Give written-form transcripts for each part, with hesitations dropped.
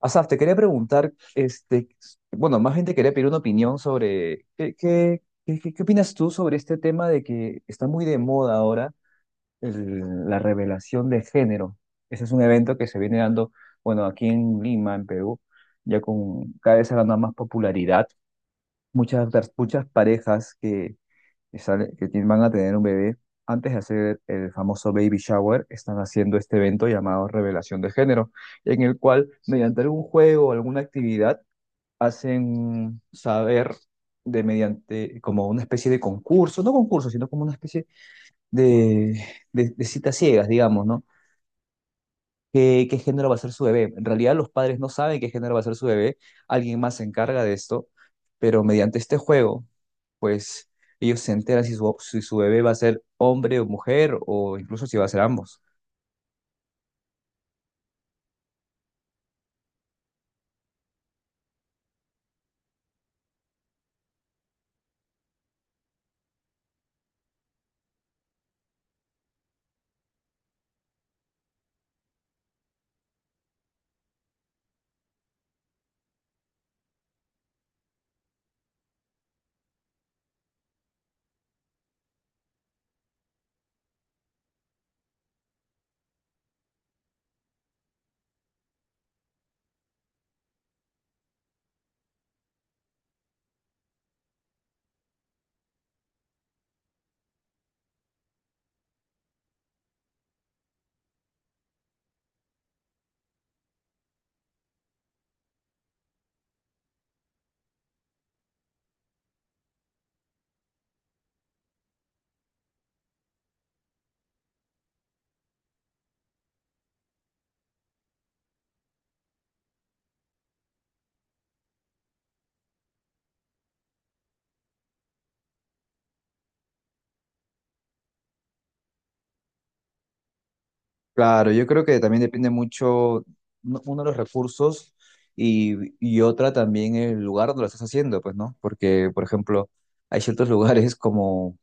Asaf, te quería preguntar, bueno, más bien te quería pedir una opinión sobre qué opinas tú sobre este tema de que está muy de moda ahora la revelación de género. Ese es un evento que se viene dando, bueno, aquí en Lima, en Perú, ya con cada vez ha ganado más popularidad. Muchas, muchas parejas que van a tener un bebé, antes de hacer el famoso baby shower, están haciendo este evento llamado Revelación de Género, en el cual mediante algún juego o alguna actividad hacen saber de mediante como una especie de concurso, no concurso, sino como una especie de, de citas ciegas, digamos, ¿no? Qué género va a ser su bebé. En realidad los padres no saben qué género va a ser su bebé, alguien más se encarga de esto, pero mediante este juego, pues ellos se enteran si si su bebé va a ser hombre o mujer o incluso si va a ser ambos. Claro, yo creo que también depende mucho uno de los recursos y otra también el lugar donde lo estás haciendo, pues, ¿no? Porque, por ejemplo, hay ciertos lugares como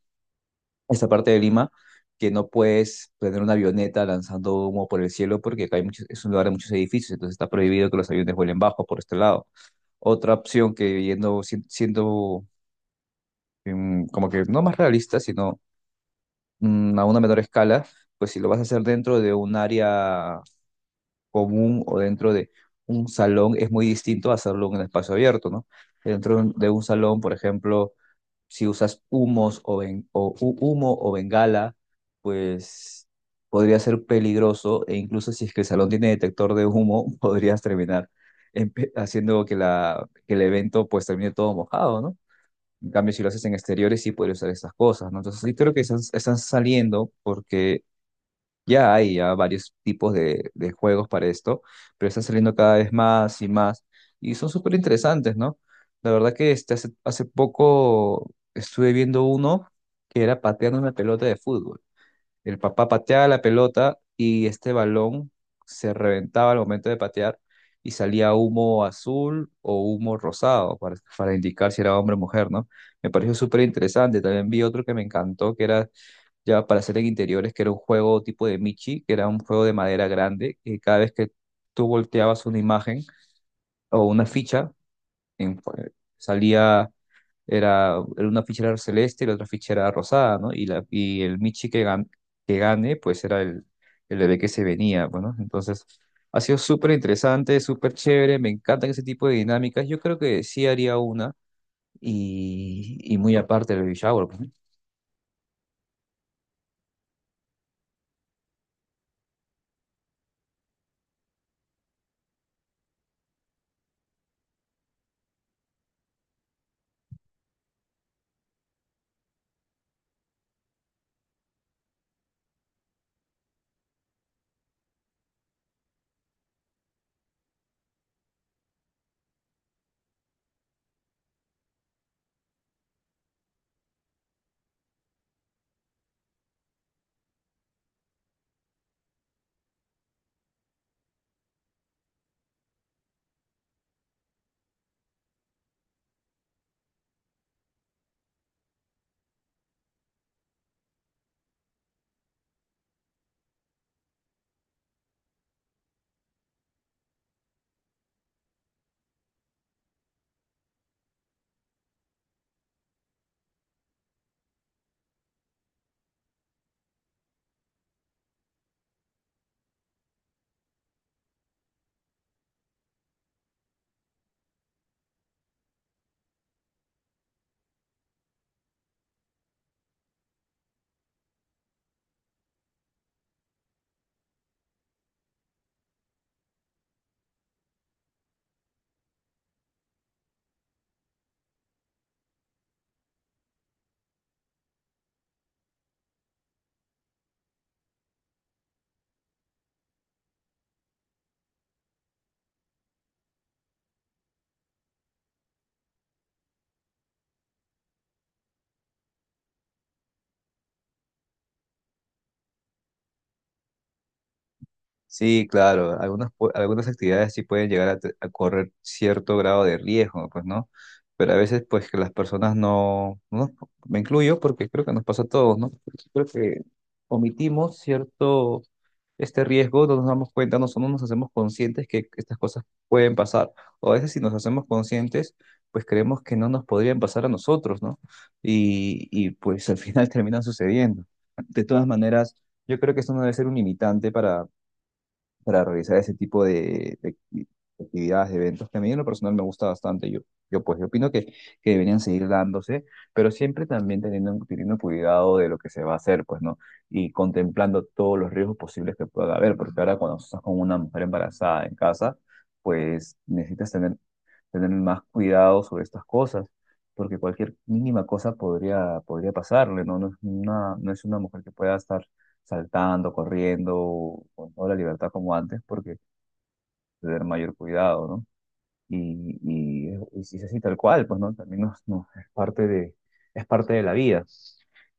esta parte de Lima que no puedes tener una avioneta lanzando humo por el cielo porque acá hay es un lugar de muchos edificios, entonces está prohibido que los aviones vuelen bajo por este lado. Otra opción que yendo, siendo como que no más realista, sino a una menor escala, pues si lo vas a hacer dentro de un área común o dentro de un salón, es muy distinto a hacerlo en un espacio abierto, ¿no? Dentro de un salón, por ejemplo, si usas humo o bengala, pues podría ser peligroso e incluso si es que el salón tiene detector de humo, podrías terminar haciendo que, la, que el evento pues termine todo mojado, ¿no? En cambio, si lo haces en exteriores, sí podría usar estas cosas, ¿no? Entonces, sí creo que están saliendo porque ya hay varios tipos de juegos para esto, pero están saliendo cada vez más y más y son súper interesantes, ¿no? La verdad que este, hace poco estuve viendo uno que era pateando una pelota de fútbol. El papá pateaba la pelota y este balón se reventaba al momento de patear y salía humo azul o humo rosado para indicar si era hombre o mujer, ¿no? Me pareció súper interesante. También vi otro que me encantó, que era ya para hacer en interiores, que era un juego tipo de Michi, que era un juego de madera grande, que cada vez que tú volteabas una imagen o una ficha, en- salía, era una ficha era celeste y la otra ficha era rosada, ¿no? Y, y el Michi que gane, pues era el bebé que se venía, bueno, entonces... Ha sido súper interesante, súper chévere, me encantan ese tipo de dinámicas. Yo creo que sí haría una y muy aparte del baby shower, pues, ¿no? Sí, claro, algunas, algunas actividades sí pueden llegar a, a correr cierto grado de riesgo, pues, ¿no? Pero a veces, pues, que las personas no, no, me incluyo porque creo que nos pasa a todos, ¿no? Creo que omitimos cierto, riesgo, no nos damos cuenta, no nos hacemos conscientes que estas cosas pueden pasar. O a veces si nos hacemos conscientes, pues creemos que no nos podrían pasar a nosotros, ¿no? Y pues al final terminan sucediendo. De todas maneras, yo creo que esto no debe ser un limitante para realizar ese tipo de actividades, de eventos, que a mí en lo personal me gusta bastante. Yo pues, yo opino que deberían seguir dándose, pero siempre también teniendo cuidado de lo que se va a hacer, pues, ¿no? Y contemplando todos los riesgos posibles que pueda haber, porque ahora cuando estás con una mujer embarazada en casa, pues necesitas tener más cuidado sobre estas cosas. Porque cualquier mínima cosa podría pasarle, ¿no? No no es una mujer que pueda estar saltando, corriendo, con toda la libertad como antes, porque tener mayor cuidado, ¿no? Y, y si es así tal cual, pues, ¿no? También es parte es parte de la vida.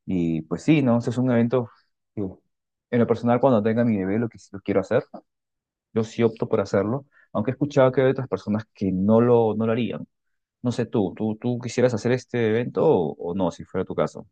Y pues sí, ¿no? Ese es un evento que, en lo personal, cuando tenga mi bebé, lo que sí lo quiero hacer, yo sí opto por hacerlo, aunque he escuchado que hay otras personas que no lo harían. No sé tú, tú quisieras hacer este evento o no, si fuera tu caso?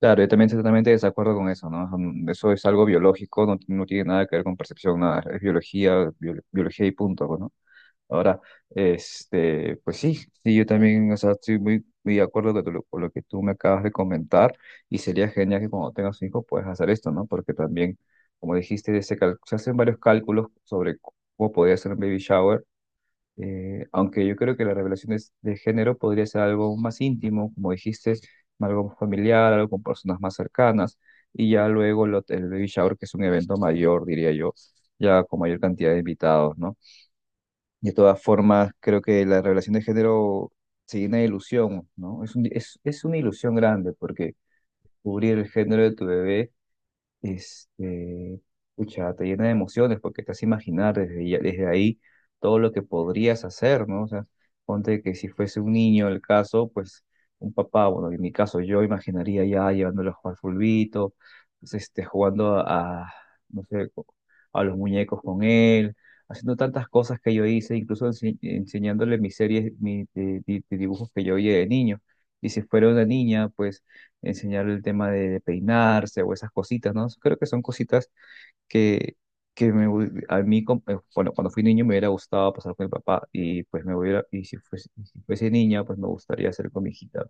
Claro, yo también estoy totalmente de desacuerdo con eso, ¿no? Eso es algo biológico, no tiene nada que ver con percepción, nada, es biología, biología y punto, pues, ¿no? Ahora, pues sí, sí, yo también, o sea, estoy muy, muy de acuerdo con con lo que tú me acabas de comentar y sería genial que cuando tengas un hijo puedas hacer esto, ¿no? Porque también, como dijiste, se hacen varios cálculos sobre cómo podría ser un baby shower aunque yo creo que la revelación de género podría ser algo más íntimo, como dijiste, algo más familiar, algo con personas más cercanas, y ya luego el baby shower, que es un evento mayor, diría yo, ya con mayor cantidad de invitados, ¿no? De todas formas, creo que la revelación de género se llena de ilusión, ¿no? Es una ilusión grande, porque cubrir el género de tu bebé este, pucha, te llena de emociones porque te hace imaginar desde ahí todo lo que podrías hacer, ¿no? O sea, ponte que si fuese un niño el caso, pues un papá, bueno, en mi caso yo imaginaría ya llevándolo a jugar fulbito, pues, jugando a, no sé, a los muñecos con él, haciendo tantas cosas que yo hice, incluso enseñándole mis series, mis de dibujos que yo oía de niño. Y si fuera una niña, pues enseñarle el tema de peinarse o esas cositas, ¿no? Creo que son cositas que, que me, a mí, bueno, cuando fui niño me hubiera gustado pasar con mi papá y pues me hubiera, y si fuese niña, pues me gustaría hacer con mi hijita,